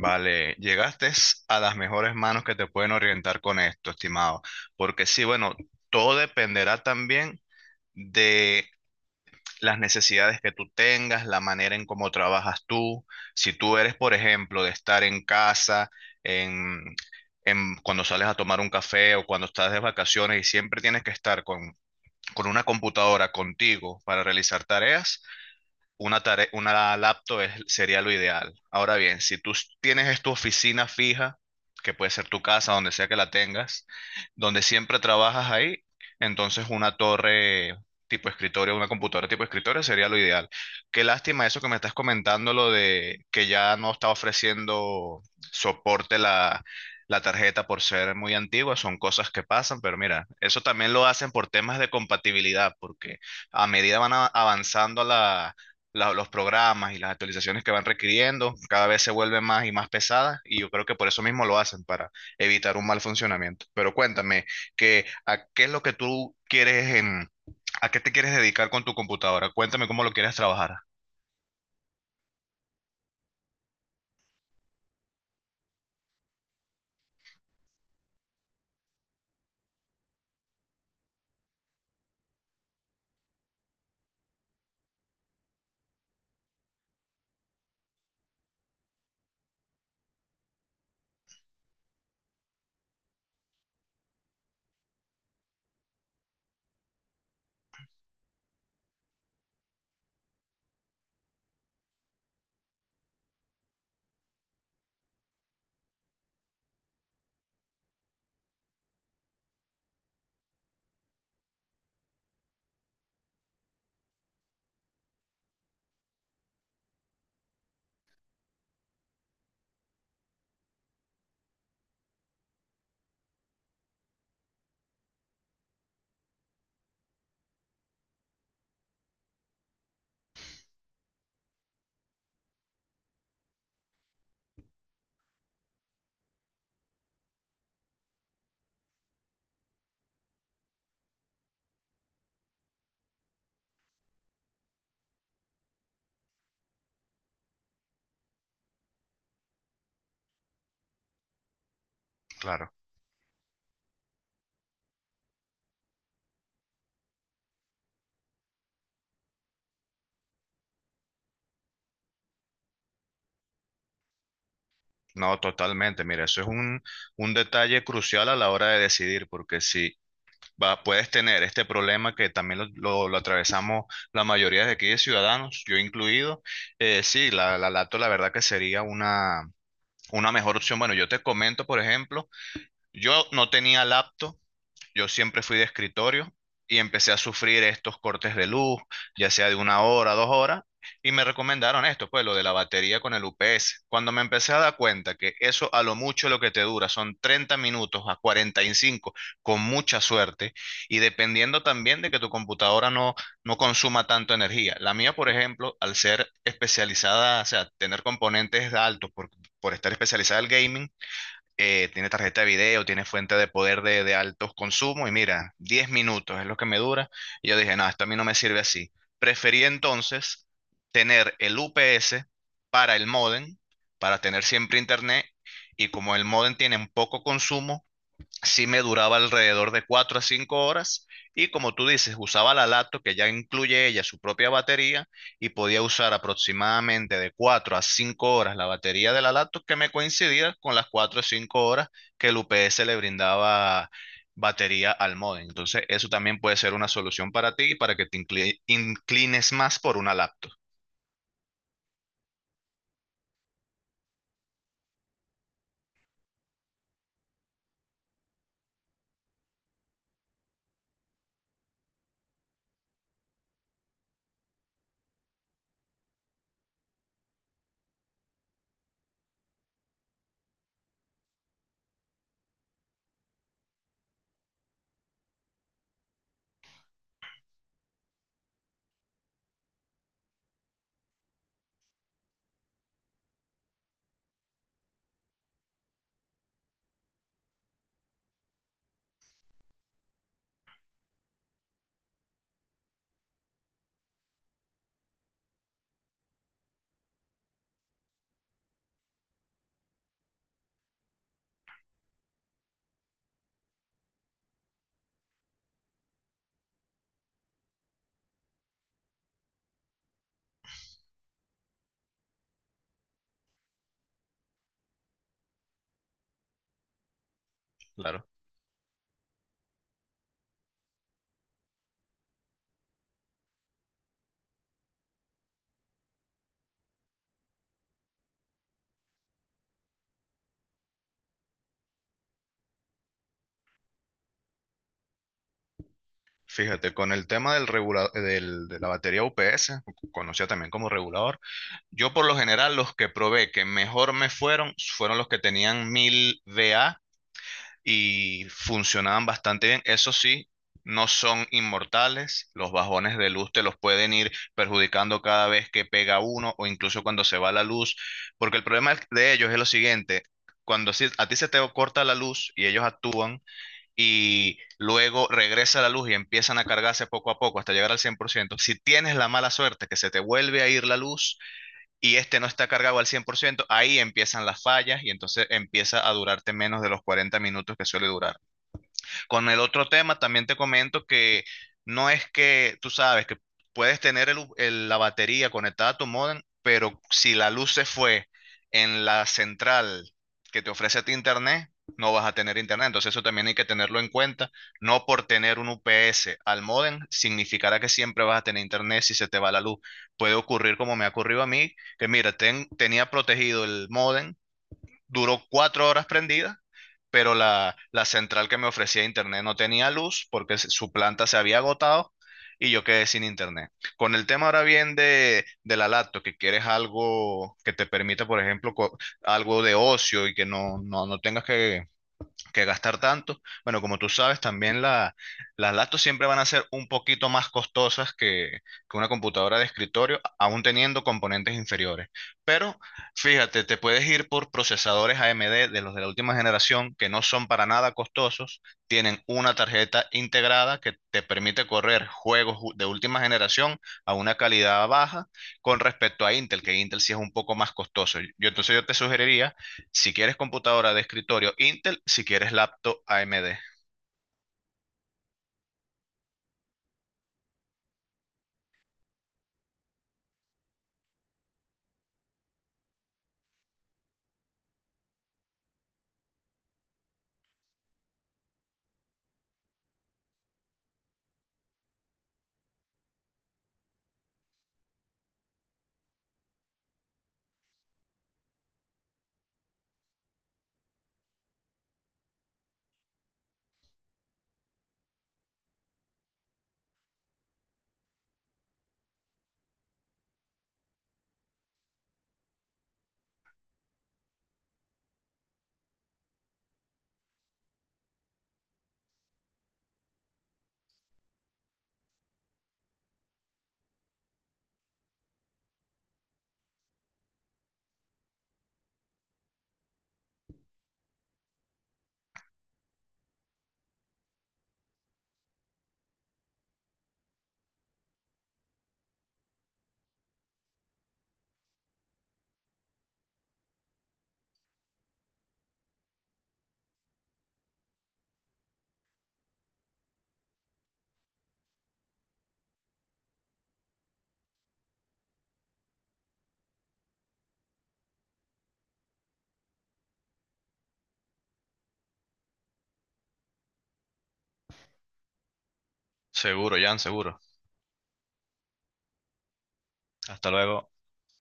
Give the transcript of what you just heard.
Vale, llegaste a las mejores manos que te pueden orientar con esto, estimado, porque sí, bueno, todo dependerá también de las necesidades que tú tengas, la manera en cómo trabajas tú. Si tú eres, por ejemplo, de estar en casa, en, en cuando sales a tomar un café o cuando estás de vacaciones y siempre tienes que estar con una computadora contigo para realizar tareas una laptop sería lo ideal. Ahora bien, si tienes es tu oficina fija, que puede ser tu casa, donde sea que la tengas, donde siempre trabajas ahí, entonces una torre tipo escritorio, una computadora tipo escritorio sería lo ideal. Qué lástima eso que me estás comentando, lo de que ya no está ofreciendo soporte la tarjeta por ser muy antigua, son cosas que pasan, pero mira, eso también lo hacen por temas de compatibilidad, porque a medida avanzando los programas y las actualizaciones que van requiriendo cada vez se vuelven más y más pesadas y yo creo que por eso mismo lo hacen, para evitar un mal funcionamiento. Pero cuéntame, qué ¿a qué es lo que tú quieres a qué te quieres dedicar con tu computadora? Cuéntame cómo lo quieres trabajar. Claro. No, totalmente. Mira, eso es un detalle crucial a la hora de decidir, porque si va, puedes tener este problema que también lo atravesamos la mayoría de aquí de ciudadanos, yo incluido, sí, la laptop la verdad que sería una mejor opción. Bueno, yo te comento, por ejemplo, yo no tenía laptop, yo siempre fui de escritorio y empecé a sufrir estos cortes de luz, ya sea de una hora, dos horas, y me recomendaron esto, pues lo de la batería con el UPS. Cuando me empecé a dar cuenta que eso a lo mucho lo que te dura son 30 minutos a 45 con mucha suerte y dependiendo también de que tu computadora no consuma tanto energía. La mía, por ejemplo, al ser especializada, o sea, tener componentes altos por estar especializada en gaming, tiene tarjeta de video, tiene fuente de poder de altos consumos y mira, 10 minutos es lo que me dura. Y yo dije, no, esto a mí no me sirve así. Preferí entonces tener el UPS para el modem, para tener siempre internet y como el modem tiene un poco consumo, sí me duraba alrededor de 4 a 5 horas y como tú dices, usaba la laptop que ya incluye ella su propia batería y podía usar aproximadamente de 4 a 5 horas la batería de la laptop que me coincidía con las 4 o 5 horas que el UPS le brindaba batería al modem. Entonces, eso también puede ser una solución para ti y para que te inclines más por una laptop, claro. Fíjate, con el tema del de la batería UPS, conocida también como regulador, yo por lo general los que probé que mejor me fueron fueron los que tenían 1000 VA y funcionaban bastante bien. Eso sí, no son inmortales. Los bajones de luz te los pueden ir perjudicando cada vez que pega uno o incluso cuando se va la luz. Porque el problema de ellos es lo siguiente. Cuando a ti se te corta la luz y ellos actúan y luego regresa la luz y empiezan a cargarse poco a poco hasta llegar al 100%, si tienes la mala suerte que se te vuelve a ir la luz, y este no está cargado al 100%, ahí empiezan las fallas y entonces empieza a durarte menos de los 40 minutos que suele durar. Con el otro tema también te comento que no es que tú sabes que puedes tener el la batería conectada a tu modem, pero si la luz se fue en la central que te ofrece a ti internet, no vas a tener internet. Entonces eso también hay que tenerlo en cuenta. No por tener un UPS al modem significará que siempre vas a tener internet si se te va la luz. Puede ocurrir como me ha ocurrido a mí, que mira, tenía protegido el modem, duró 4 horas prendida, pero la central que me ofrecía internet no tenía luz porque su planta se había agotado y yo quedé sin internet. Con el tema ahora bien de la laptop, que quieres algo que te permita, por ejemplo, algo de ocio y que no tengas que gastar tanto. Bueno, como tú sabes, también las laptops siempre van a ser un poquito más costosas que una computadora de escritorio, aún teniendo componentes inferiores. Pero fíjate, te puedes ir por procesadores AMD de los de la última generación que no son para nada costosos, tienen una tarjeta integrada que te permite correr juegos de última generación a una calidad baja con respecto a Intel, que Intel sí es un poco más costoso. Yo entonces yo te sugeriría si quieres computadora de escritorio Intel, si quieres laptop AMD. Seguro, Jan, seguro. Hasta luego.